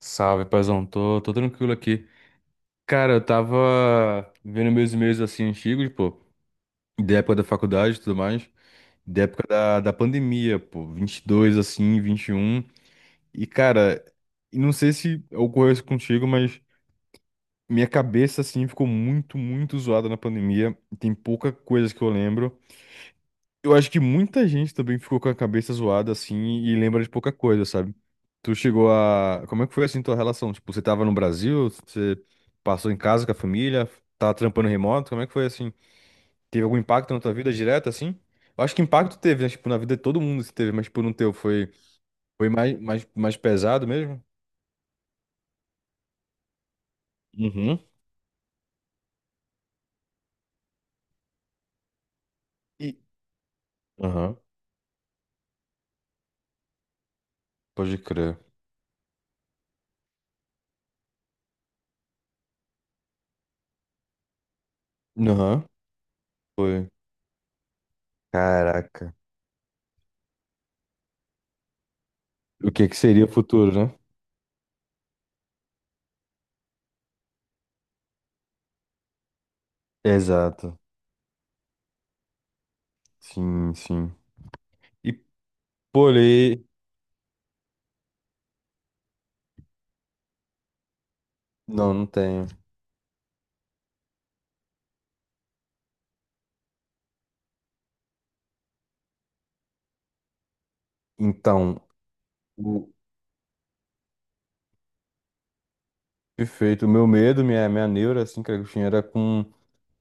Salve, paizão. Tô tranquilo aqui. Cara, eu tava vendo meus e-mails assim antigos, pô, da época da faculdade e tudo mais, da época da pandemia, pô, 22, assim, 21. E, um. E, cara, e não sei se ocorreu isso contigo, mas minha cabeça assim ficou muito, muito zoada na pandemia. Tem pouca coisa que eu lembro. Eu acho que muita gente também ficou com a cabeça zoada assim e lembra de pouca coisa, sabe? Tu chegou a. Como é que foi assim tua relação? Tipo, você tava no Brasil? Você passou em casa com a família? Tava trampando remoto? Como é que foi assim? Teve algum impacto na tua vida direto assim? Eu acho que impacto teve, né? Tipo, na vida de todo mundo se teve, mas tipo, no teu foi, foi mais, mais, mais pesado mesmo? Uhum. E... Aham, pode crer. Aham, foi. Caraca. O que que seria o futuro, né? Exato. Sim, sim. E, pô, não, não tenho. Então, o perfeito, o meu medo, minha neura, assim, cara, que eu tinha era com.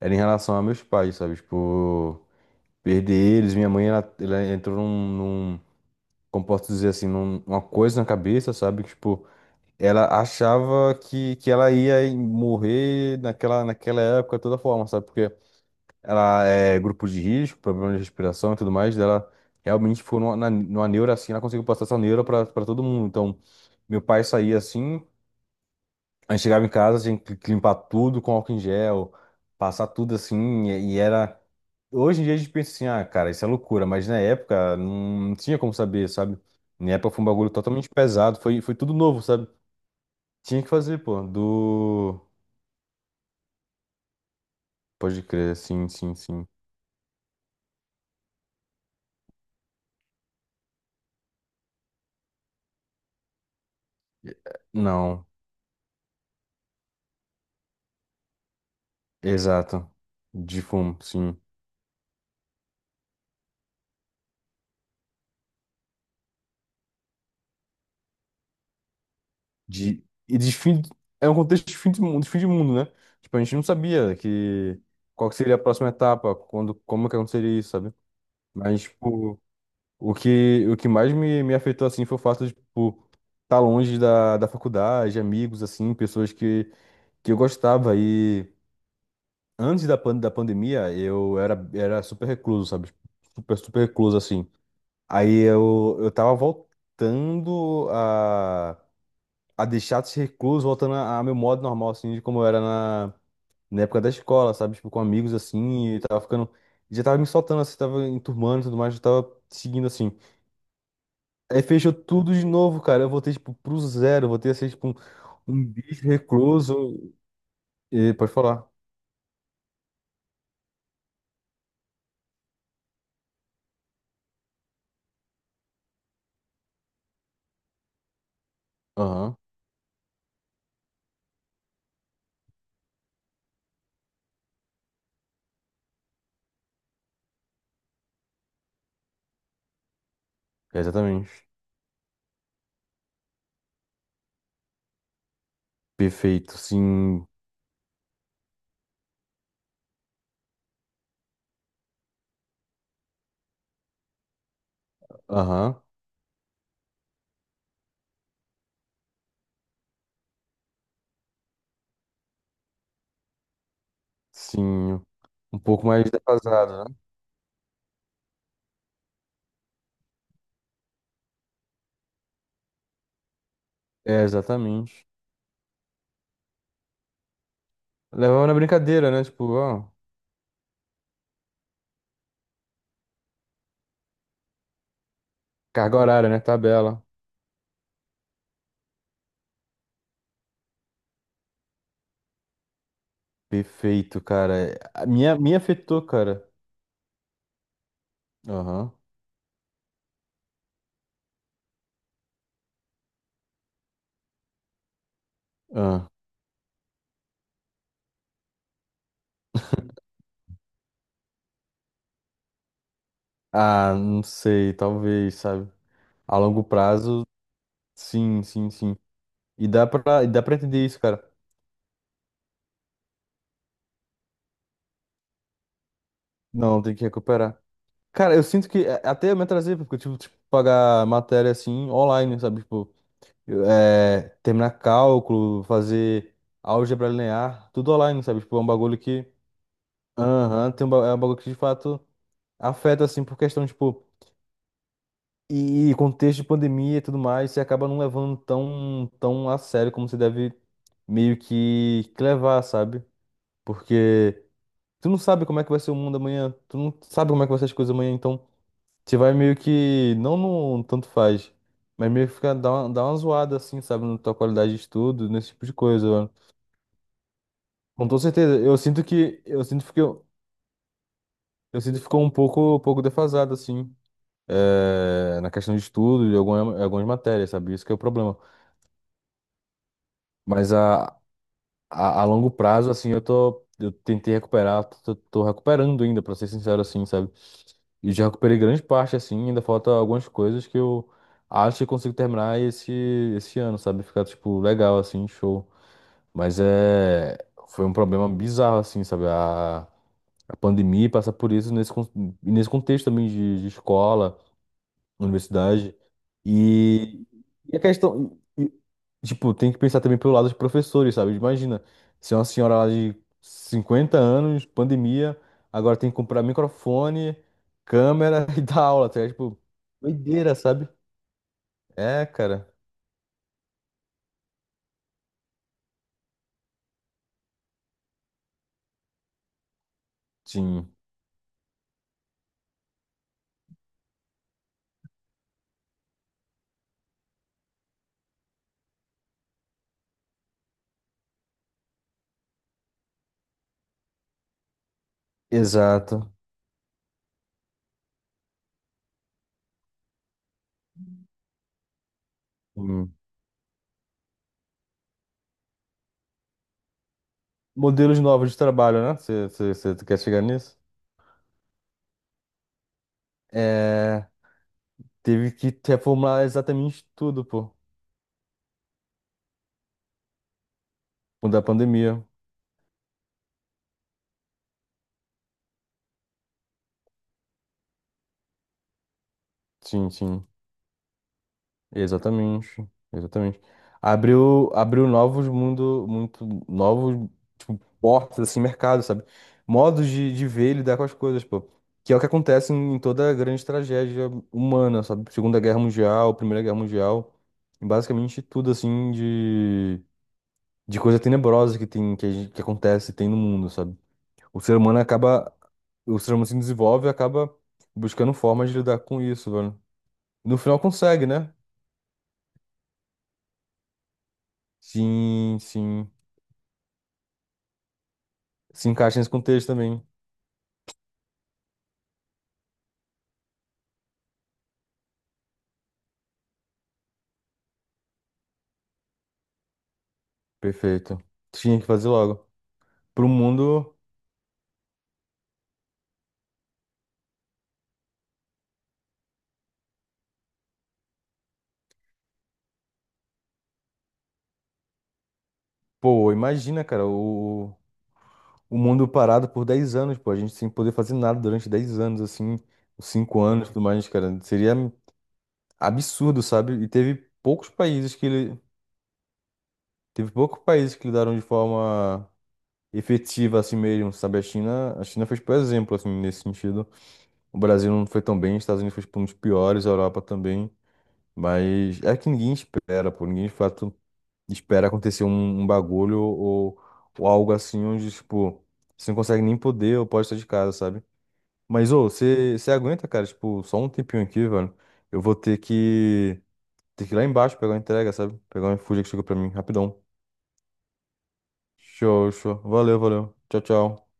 Era em relação a meus pais, sabe? Tipo, perder eles. Minha mãe, ela entrou num, num. Como posso dizer assim, uma coisa na cabeça, sabe? Que, tipo, ela achava que ela ia morrer naquela época, de toda forma, sabe? Porque ela é grupo de risco, problema de respiração e tudo mais, dela realmente ficou numa, numa neura assim, ela conseguiu passar essa neura pra todo mundo. Então. Meu pai saía assim. A gente chegava em casa, tinha que limpar tudo com álcool em gel, passar tudo assim, e era. Hoje em dia a gente pensa assim, ah, cara, isso é loucura, mas na época não tinha como saber, sabe? Na época foi um bagulho totalmente pesado, foi tudo novo, sabe? Tinha que fazer, pô, do. Pode crer, sim, sim, sim. Não, exato. De fumo, sim. De... E de fim. É um contexto de fim de mundo, de fim de mundo, né? Tipo, a gente não sabia que. Qual que seria a próxima etapa, quando, como que aconteceria isso, sabe? Mas, tipo, o que mais me afetou, assim, foi o fato de, tipo, estar longe da faculdade, amigos, assim, pessoas que eu gostava. E antes da, da pandemia, eu era super recluso, sabe? Super, super recluso, assim. Aí eu tava voltando a deixar de ser recluso, voltando ao meu modo normal, assim, de como eu era na época da escola, sabe? Tipo, com amigos, assim, e tava ficando... Já tava me soltando, assim, tava enturmando e tudo mais, eu tava seguindo, assim. Aí fechou tudo de novo, cara. Eu voltei, tipo, pro zero. Eu voltei a ser, tipo, um bicho recluso. E pode falar. Aham, exatamente. Perfeito, sim. Aham, sim. Um pouco mais defasado, né? É, exatamente. Levava na brincadeira, né? Tipo, ó, carga horária, né? Tabela. Perfeito, cara. A minha afetou, cara. Aham. Ah. Ah, não sei, talvez, sabe? A longo prazo, sim, sim, sim. E dá pra entender isso, cara. Não, tem que recuperar. Cara, eu sinto que até eu me atrasei, porque eu tive que tipo, pagar matéria assim online, sabe? Tipo, eu, terminar cálculo, fazer álgebra linear, tudo online, sabe? Tipo, é um bagulho que. Aham, é um bagulho que de fato afeta, assim, por questão, tipo, e contexto de pandemia e tudo mais, você acaba não levando tão, tão a sério como você deve meio que levar, sabe? Porque tu não sabe como é que vai ser o mundo amanhã, tu não sabe como é que vai ser as coisas amanhã, então. Você vai meio que, não no tanto faz, mas meio que fica, dá uma zoada assim, sabe, na tua qualidade de estudo, nesse tipo de coisa, mano. Com toda certeza, eu sinto que ficou um pouco defasado, assim, na questão de estudo, de algumas matérias, sabe, isso que é o problema. Mas a longo prazo, assim, eu tô, eu tentei recuperar, tô recuperando ainda, pra ser sincero, assim, sabe. E já recuperei grande parte, assim, ainda falta algumas coisas que eu acho que consigo terminar esse ano, sabe? Ficar, tipo, legal, assim, show. Mas é... Foi um problema bizarro, assim, sabe? A pandemia passa por isso nesse contexto também de escola na universidade. E, e a questão, e- tipo, tem que pensar também pelo lado dos professores, sabe? Imagina, se é uma senhora lá de 50 anos, pandemia, agora tem que comprar microfone, câmera e dar aula, tá ligado? Tipo, doideira, sabe? É, cara. Sim, exato. Sim. Modelos novos de trabalho, né? Você quer chegar nisso? É, teve que reformular exatamente tudo, pô, por da pandemia. Sim, sim. Exatamente, exatamente. Abriu, abriu novos mundo, muito novos, tipo, portas, assim, mercado, sabe? Modos de ver e lidar com as coisas, pô. Que é o que acontece em toda grande tragédia humana, sabe? Segunda Guerra Mundial, Primeira Guerra Mundial, e basicamente tudo, assim, de coisa tenebrosa que tem, que, que acontece, tem no mundo, sabe? O ser humano acaba, o ser humano se desenvolve e acaba buscando formas de lidar com isso, velho. No final consegue, né? Sim, sim. Se encaixa nesse contexto também. Perfeito. Tinha que fazer logo. Pro mundo, pô, imagina, cara, o mundo parado por 10 anos, pô, a gente sem poder fazer nada durante 10 anos, assim, 5 anos e tudo mais, cara. Seria absurdo, sabe? E teve poucos países que lidaram de forma efetiva assim mesmo, sabe? A China fez por exemplo, assim, nesse sentido. O Brasil não foi tão bem, os Estados Unidos foi tipo, um dos piores, a Europa também. Mas é que ninguém espera, pô. Ninguém fala. Espera acontecer um, um bagulho ou algo assim onde, tipo, você não consegue nem poder ou pode estar de casa, sabe? Mas, ô, você aguenta, cara, tipo, só um tempinho aqui, velho. Eu vou ter que ir lá embaixo pegar uma entrega, sabe? Pegar um iFood que chegou pra mim, rapidão. Show, show. Valeu, valeu. Tchau, tchau.